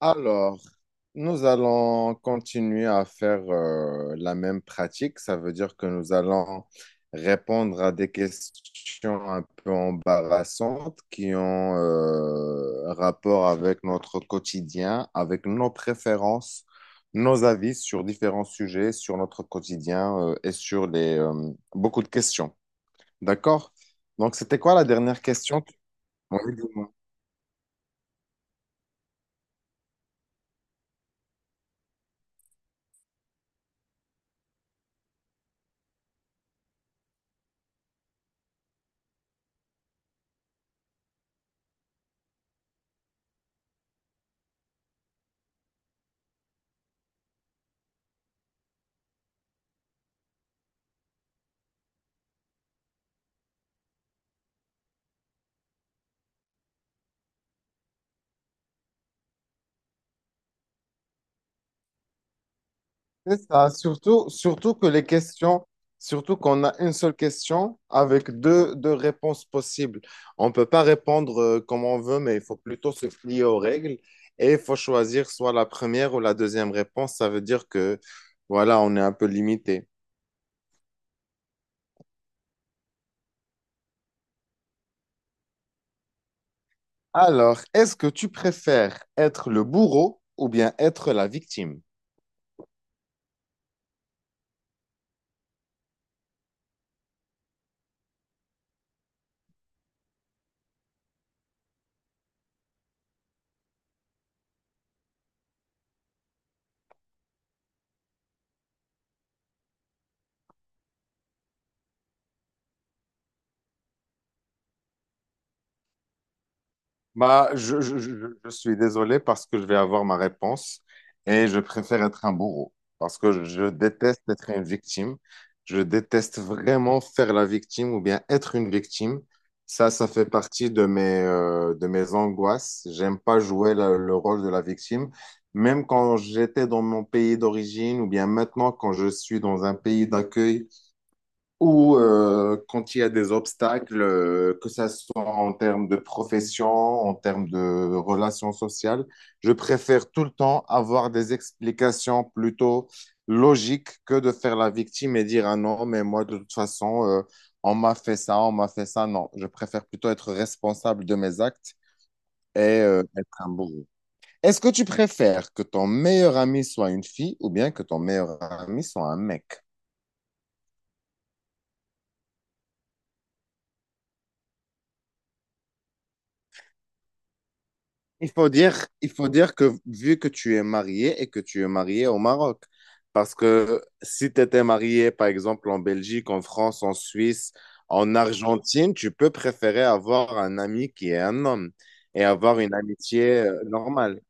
Alors, nous allons continuer à faire la même pratique. Ça veut dire que nous allons répondre à des questions un peu embarrassantes qui ont rapport avec notre quotidien, avec nos préférences, nos avis sur différents sujets, sur notre quotidien et sur beaucoup de questions. D'accord? Donc, c'était quoi la dernière question? Oui, dis-moi. C'est ça, surtout que les questions, surtout qu'on a une seule question avec deux réponses possibles. On ne peut pas répondre comme on veut, mais il faut plutôt se plier aux règles et il faut choisir soit la première ou la deuxième réponse. Ça veut dire que, voilà, on est un peu limité. Alors, est-ce que tu préfères être le bourreau ou bien être la victime? Bah, je suis désolé parce que je vais avoir ma réponse et je préfère être un bourreau parce que je déteste être une victime. Je déteste vraiment faire la victime ou bien être une victime. Ça fait partie de de mes angoisses. J'aime pas jouer le rôle de la victime. Même quand j'étais dans mon pays d'origine ou bien maintenant quand je suis dans un pays d'accueil ou quand il y a des obstacles, que ça soit en termes de profession, en termes de relations sociales, je préfère tout le temps avoir des explications plutôt logiques que de faire la victime et dire, ah non, mais moi, de toute façon, on m'a fait ça, on m'a fait ça. Non, je préfère plutôt être responsable de mes actes et être un bourreau. Est-ce que tu préfères que ton meilleur ami soit une fille ou bien que ton meilleur ami soit un mec? Il faut dire que vu que tu es marié et que tu es marié au Maroc, parce que si tu étais marié, par exemple, en Belgique, en France, en Suisse, en Argentine, tu peux préférer avoir un ami qui est un homme et avoir une amitié normale.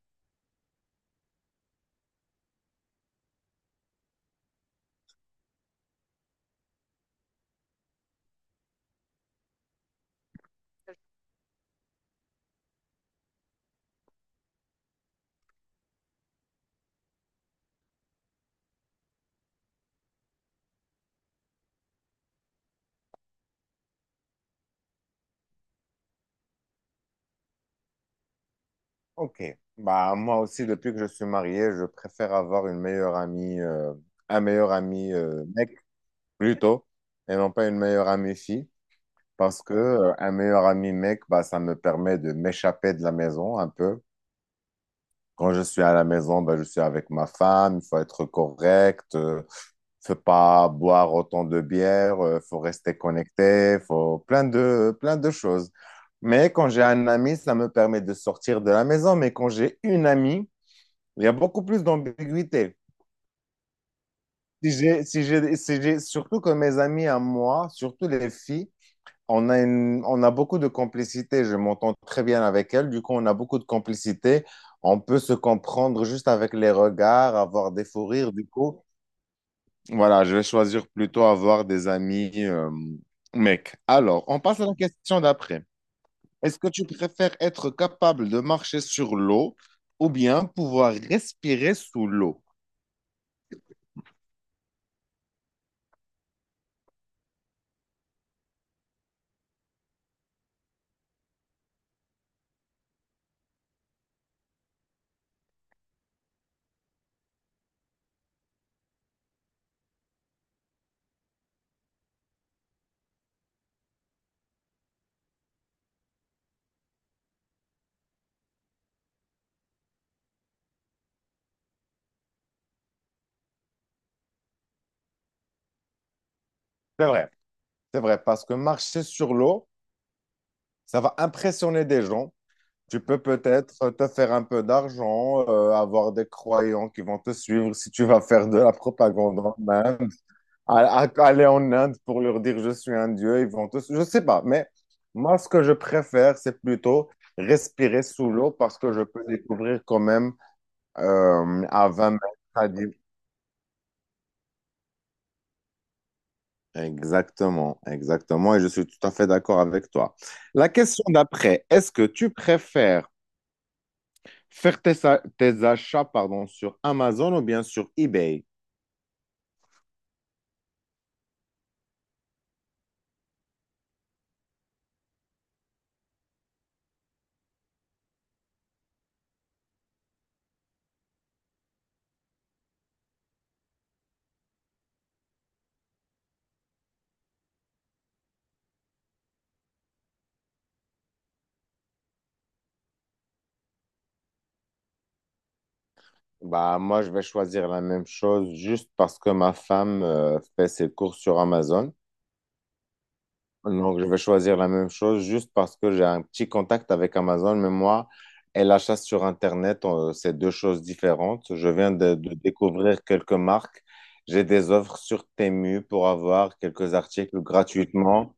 Ok. Bah, moi aussi, depuis que je suis marié, je préfère avoir une meilleure amie, un meilleur ami mec plutôt, et non pas une meilleure amie fille. Parce que un meilleur ami mec, bah, ça me permet de m'échapper de la maison un peu. Quand je suis à la maison, bah, je suis avec ma femme, il faut être correct, faut pas boire autant de bière, faut rester connecté, faut plein de choses. Mais quand j'ai un ami, ça me permet de sortir de la maison. Mais quand j'ai une amie, il y a beaucoup plus d'ambiguïté. Si j'ai, si j'ai, si j'ai, surtout que mes amis à moi, surtout les filles, on a on a beaucoup de complicité. Je m'entends très bien avec elle. Du coup, on a beaucoup de complicité. On peut se comprendre juste avec les regards, avoir des fous rires. Du coup, voilà, je vais choisir plutôt avoir des amis mecs. Alors, on passe à la question d'après. Est-ce que tu préfères être capable de marcher sur l'eau ou bien pouvoir respirer sous l'eau? C'est vrai, c'est vrai, parce que marcher sur l'eau, ça va impressionner des gens. Tu peux peut-être te faire un peu d'argent, avoir des croyants qui vont te suivre si tu vas faire de la propagande en Inde, aller en Inde pour leur dire je suis un dieu, ils vont te suivre. Je sais pas, mais moi ce que je préfère, c'est plutôt respirer sous l'eau parce que je peux découvrir quand même à 20 mètres à 10. Exactement, exactement, et je suis tout à fait d'accord avec toi. La question d'après, est-ce que tu préfères faire tes achats, pardon, sur Amazon ou bien sur eBay? Bah, moi, je vais choisir la même chose juste parce que ma femme fait ses courses sur Amazon. Donc, je vais choisir la même chose juste parce que j'ai un petit contact avec Amazon, mais moi, elle achète sur Internet, c'est deux choses différentes. Je viens de découvrir quelques marques. J'ai des offres sur Temu pour avoir quelques articles gratuitement.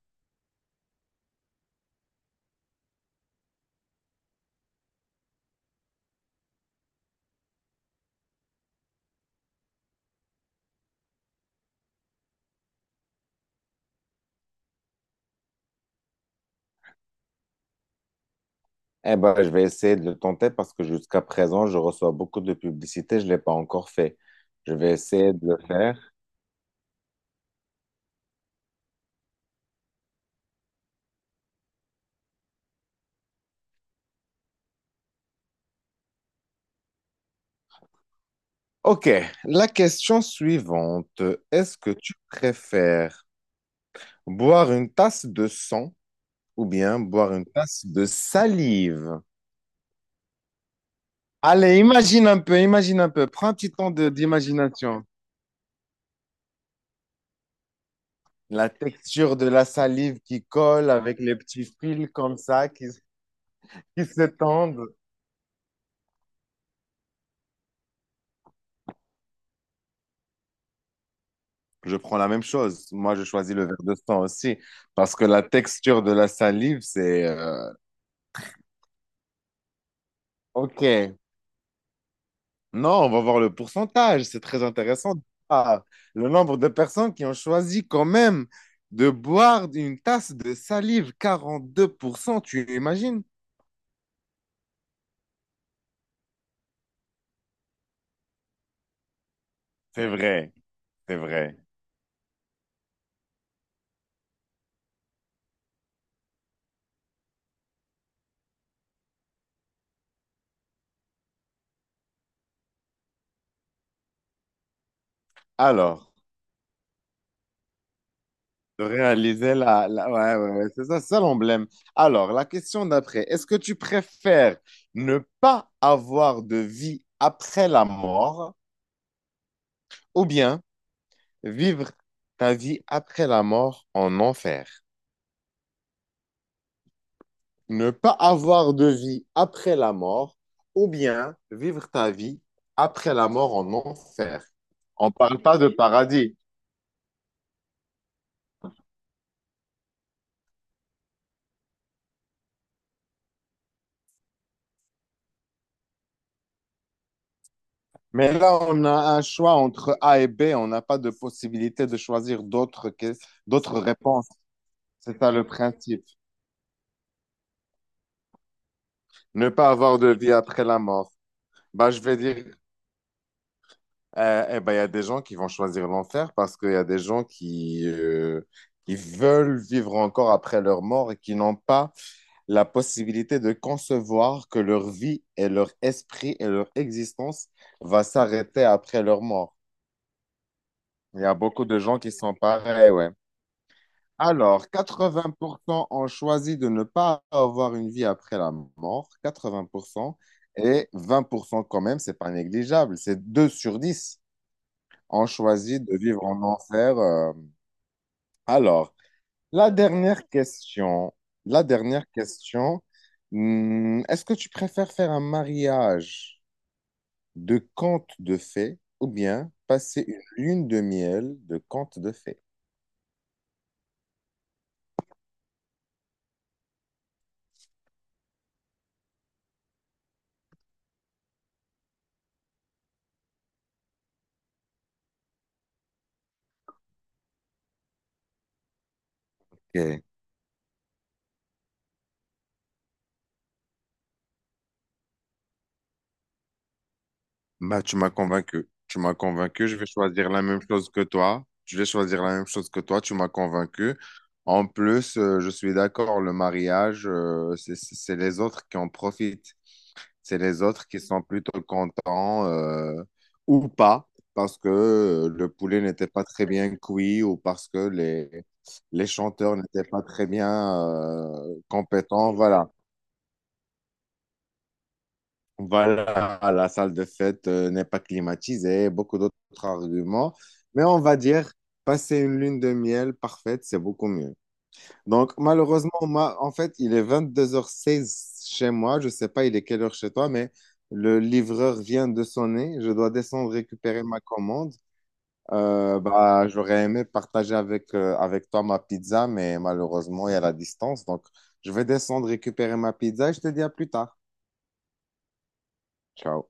Eh ben, je vais essayer de le tenter parce que jusqu'à présent, je reçois beaucoup de publicité. Je ne l'ai pas encore fait. Je vais essayer de le faire. OK, la question suivante. Est-ce que tu préfères boire une tasse de sang ou bien boire une tasse de salive? Allez, imagine un peu, imagine un peu. Prends un petit temps d'imagination. La texture de la salive qui colle avec les petits fils comme ça qui s'étendent. Je prends la même chose. Moi, je choisis le verre de sang aussi parce que la texture de la salive, c'est OK. Non, on va voir le pourcentage. C'est très intéressant. Ah, le nombre de personnes qui ont choisi quand même de boire une tasse de salive, 42%. Tu imagines? C'est vrai, c'est vrai. Alors, de réaliser ouais, ouais, c'est ça l'emblème. Alors, la question d'après, est-ce que tu préfères ne pas avoir de vie après la mort ou bien vivre ta vie après la mort en enfer. Ne pas avoir de vie après la mort ou bien vivre ta vie après la mort en enfer. On ne parle pas de paradis. Mais là, on a un choix entre A et B. On n'a pas de possibilité de choisir d'autres réponses. C'est ça le principe. Ne pas avoir de vie après la mort. Bah, je vais dire, il y a des gens qui vont choisir l'enfer parce qu'il y a des gens qui, qui veulent vivre encore après leur mort et qui n'ont pas la possibilité de concevoir que leur vie et leur esprit et leur existence va s'arrêter après leur mort. Il y a beaucoup de gens qui sont pareils, ouais. Alors, 80% ont choisi de ne pas avoir une vie après la mort, 80%, et 20% quand même, c'est pas négligeable, c'est 2 sur 10. On choisit de vivre en enfer. Alors, la dernière question. La dernière question. Est-ce que tu préfères faire un mariage de conte de fées ou bien passer une lune de miel de conte de fées? Ok. Bah, tu m'as convaincu. Tu m'as convaincu. Je vais choisir la même chose que toi. Je vais choisir la même chose que toi. Tu m'as convaincu. En plus, je suis d'accord, le mariage, c'est c'est les autres qui en profitent. C'est les autres qui sont plutôt contents ou pas parce que le poulet n'était pas très bien cuit ou parce que les chanteurs n'étaient pas très bien compétents. Voilà. Voilà, la salle de fête n'est pas climatisée, beaucoup d'autres arguments. Mais on va dire, passer une lune de miel parfaite, c'est beaucoup mieux. Donc, malheureusement, en fait, il est 22 h 16 chez moi. Je sais pas il est quelle heure chez toi, mais le livreur vient de sonner. Je dois descendre récupérer ma commande. Bah, j'aurais aimé partager avec toi ma pizza, mais malheureusement, il y a la distance. Donc, je vais descendre récupérer ma pizza et je te dis à plus tard. Ciao.